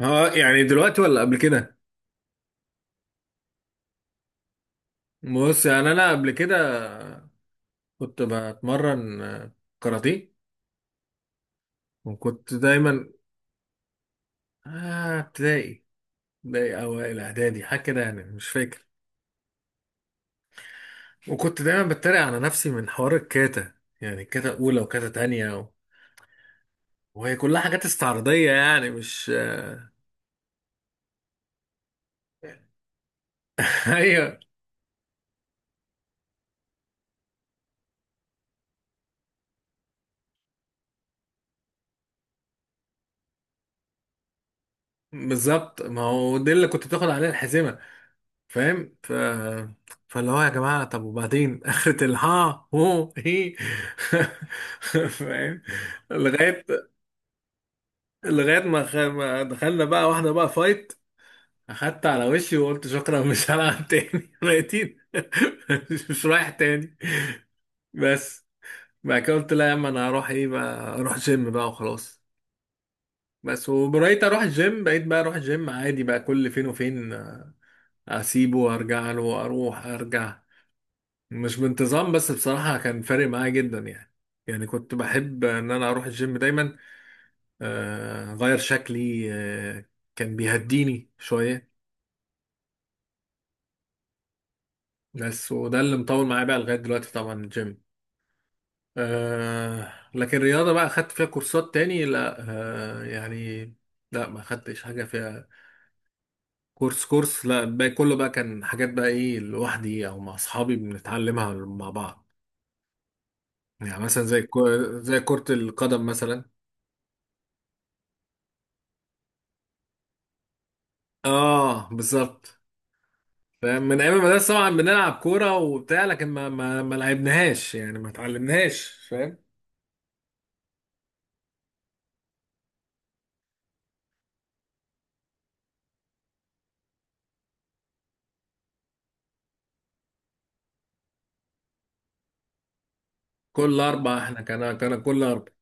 اه، يعني دلوقتي ولا قبل كده؟ بص، يعني انا قبل كده كنت بتمرن كاراتيه. وكنت دايما ابتدائي، اوائل اعدادي، حاجه كده يعني، مش فاكر. وكنت دايما بتريق على نفسي من حوار الكاتا، يعني كاتا اولى وكاتا تانية وهي كلها حاجات استعراضيه، يعني مش آه، ايوه. بالظبط، ما هو دي اللي كنت بتاخد عليها الحزمه، فاهم؟ فاللي هو يا جماعة، طب وبعدين؟ آخرة الها هو هي. فاهم. لغاية لغاية ما ما دخلنا بقى واحدة بقى فايت، أخدت على وشي وقلت شكرا مش هلعب تاني. ميتين. مش رايح تاني، بس. بعد كده قلت لا يا عم، أنا هروح إيه بقى، أروح جيم بقى وخلاص. بس وبقيت أروح الجيم، بقيت بقى أروح الجيم عادي بقى كل فين وفين. أسيبه وأرجع له وأروح أرجع، مش بانتظام. بس بصراحة كان فارق معايا جدا يعني. يعني كنت بحب ان انا اروح الجيم دايما، اغير شكلي، كان بيهديني شوية. بس وده اللي مطول معايا بقى لغاية دلوقتي، طبعا الجيم. لكن الرياضة بقى خدت فيها كورسات تاني؟ لا. يعني لا، ما خدتش حاجة فيها كورس كورس. لا، باقي كله بقى كان حاجات بقى ايه، لوحدي او مع اصحابي بنتعلمها مع بعض. يعني مثلا زي كرة القدم مثلا. اه بالظبط، من ايام المدرسه طبعا بنلعب كوره وبتاع، لكن ما لعبناهاش يعني، ما اتعلمناش، فاهم. كل اربع، احنا كان كل اربع،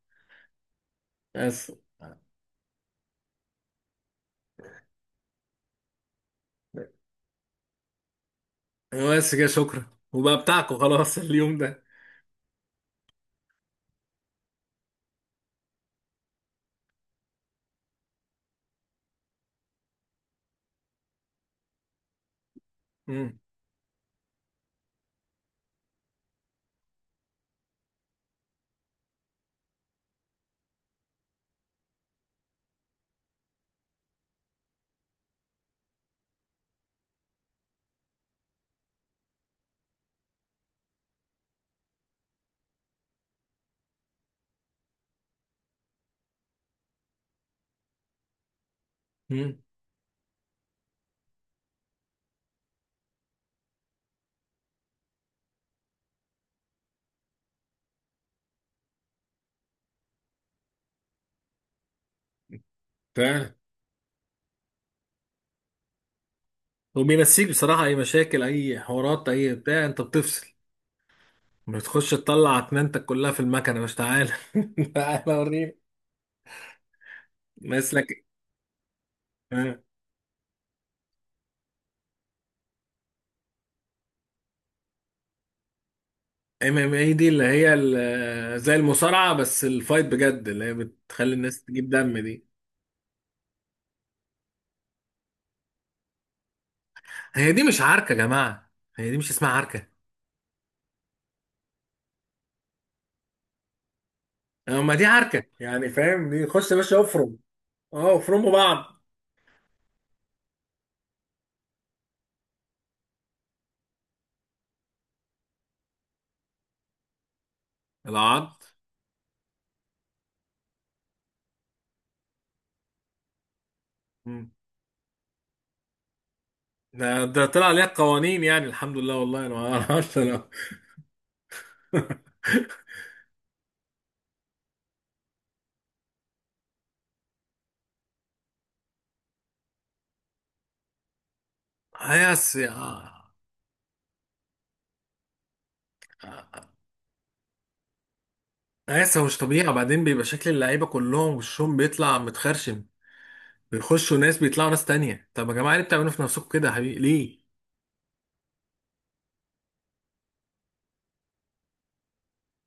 بس. بس كده، شكرا وبقى بتاعكم خلاص اليوم ده. امم، امم. بتاع، وبينسيك بصراحه اي مشاكل، اي حوارات، اي بتاع، انت بتفصل. بتخش تطلع اتنينتك كلها في المكنه، مش تعالى تعالى وريني مثلك. ام ام اي دي اللي هي زي المصارعه، بس الفايت بجد اللي هي بتخلي الناس تجيب دم دي. هي دي مش عركة يا جماعة، هي دي مش اسمها عركة. اما دي عركة، يعني فاهم، دي خش يا باشا افرم. اه افرموا بعض. العض. مم. ده طلع ليها قوانين يعني، الحمد لله. والله انا ما اعرفش انا. هياس يا هياس، هو مش طبيعي. وبعدين بيبقى شكل اللعيبة كلهم وشهم بيطلع متخرشم، بيخشوا ناس بيطلعوا ناس تانية. طب يا جماعة ليه بتعملوا في نفسكم كده يا حبيبي، ليه؟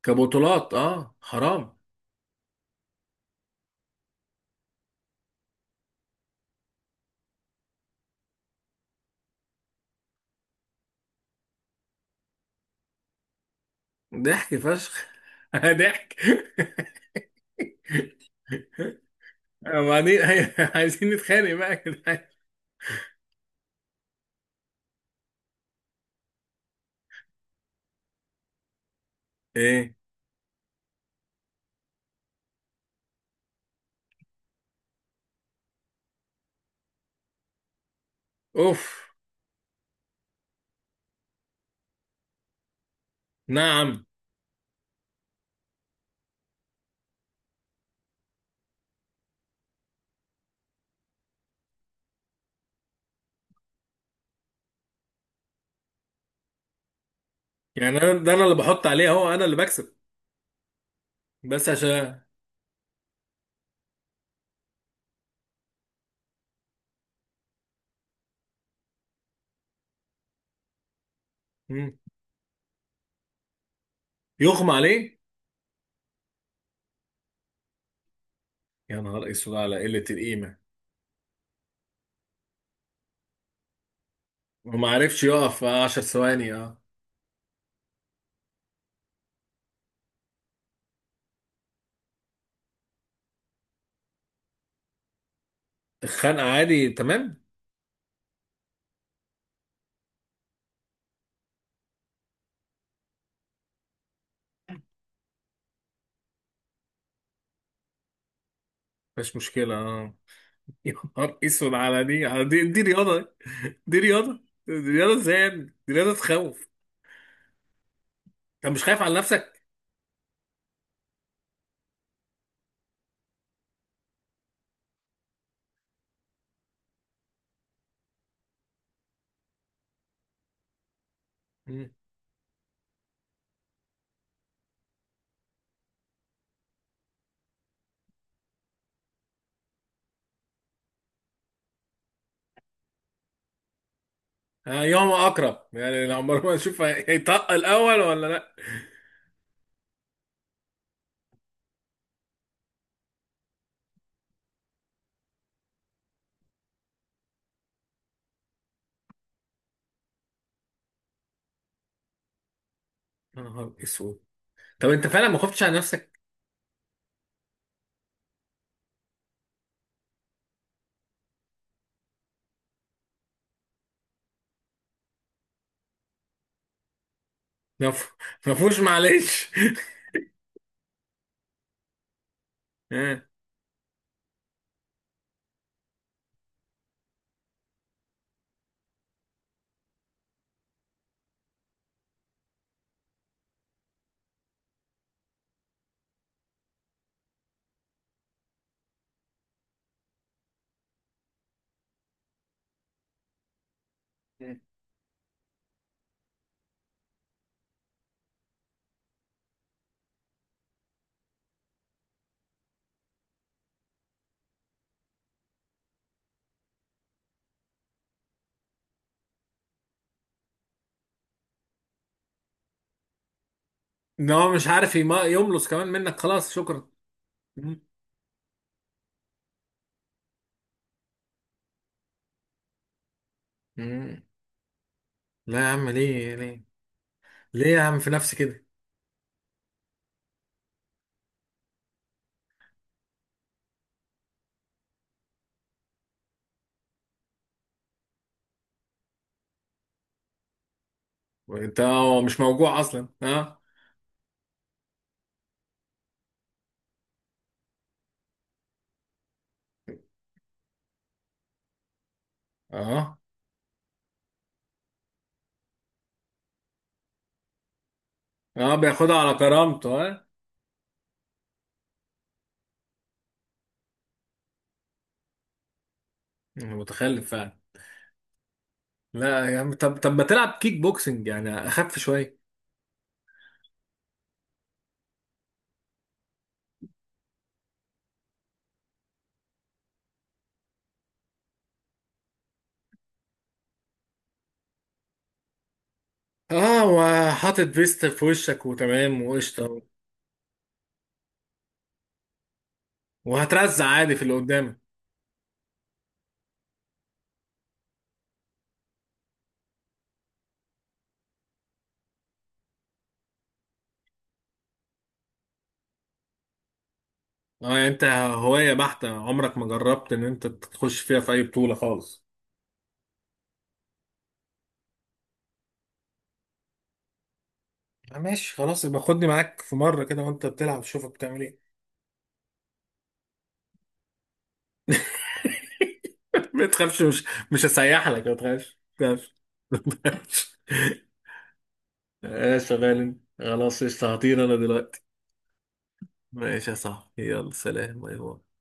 كبطولات، اه حرام. ضحك فشخ. ضحك. وبعدين. أيوة، عايزين نتخانق بقى يا جدعان. ايه؟ اوف. نعم. يعني انا ده انا اللي بحط عليه اهو، انا اللي بكسب، بس عشان. مم. يغمى عليه. يا نهار اسود على قلة القيمة. وما عرفش يقف 10 ثواني، اه. الخنقة عادي تمام؟ مفيش مشكلة، اه. يا نهار اسود، على دي، على دي، دي رياضة؟ دي رياضة، دي رياضة ازاي يا ابني؟ دي رياضة تخوف. انت مش خايف على نفسك؟ مم. يوم اقرب يعني، لو عمر ما نشوف هيطق الاول ولا لا. يا نهار اسود. طب انت فعلا ما خفتش على نفسك؟ ما ف- ما فيهوش معلش. اه. ان هو مش عارف يملص كمان منك، خلاص شكرا. مم. مم. لا يا عم، ليه، ليه؟ ليه يا عم في نفسي كده؟ وانت هو مش موجوع اصلا؟ اه. اه. اه بياخدها على كرامته، اه. متخلف فعلا. لا يا عم، طب طب ما تلعب كيك بوكسنج يعني، اخف شويه. اه وحاطط فيست في وشك وتمام وقشطه، وهترزع عادي في اللي قدامك. اه يعني انت هواية بحتة، عمرك ما جربت ان انت تخش فيها في اي بطولة خالص؟ ماشي، خلاص. يبقى خدني معاك في مرة كده وانت بتلعب، شوفك بتعمل ايه. ما تخافش، مش هسيح لك، ما تخافش، ما تخافش. ماشي يا شغال انت. خلاص، قشطة، هطير انا دلوقتي. ماشي يا صاحبي، يلا سلام، باي باي.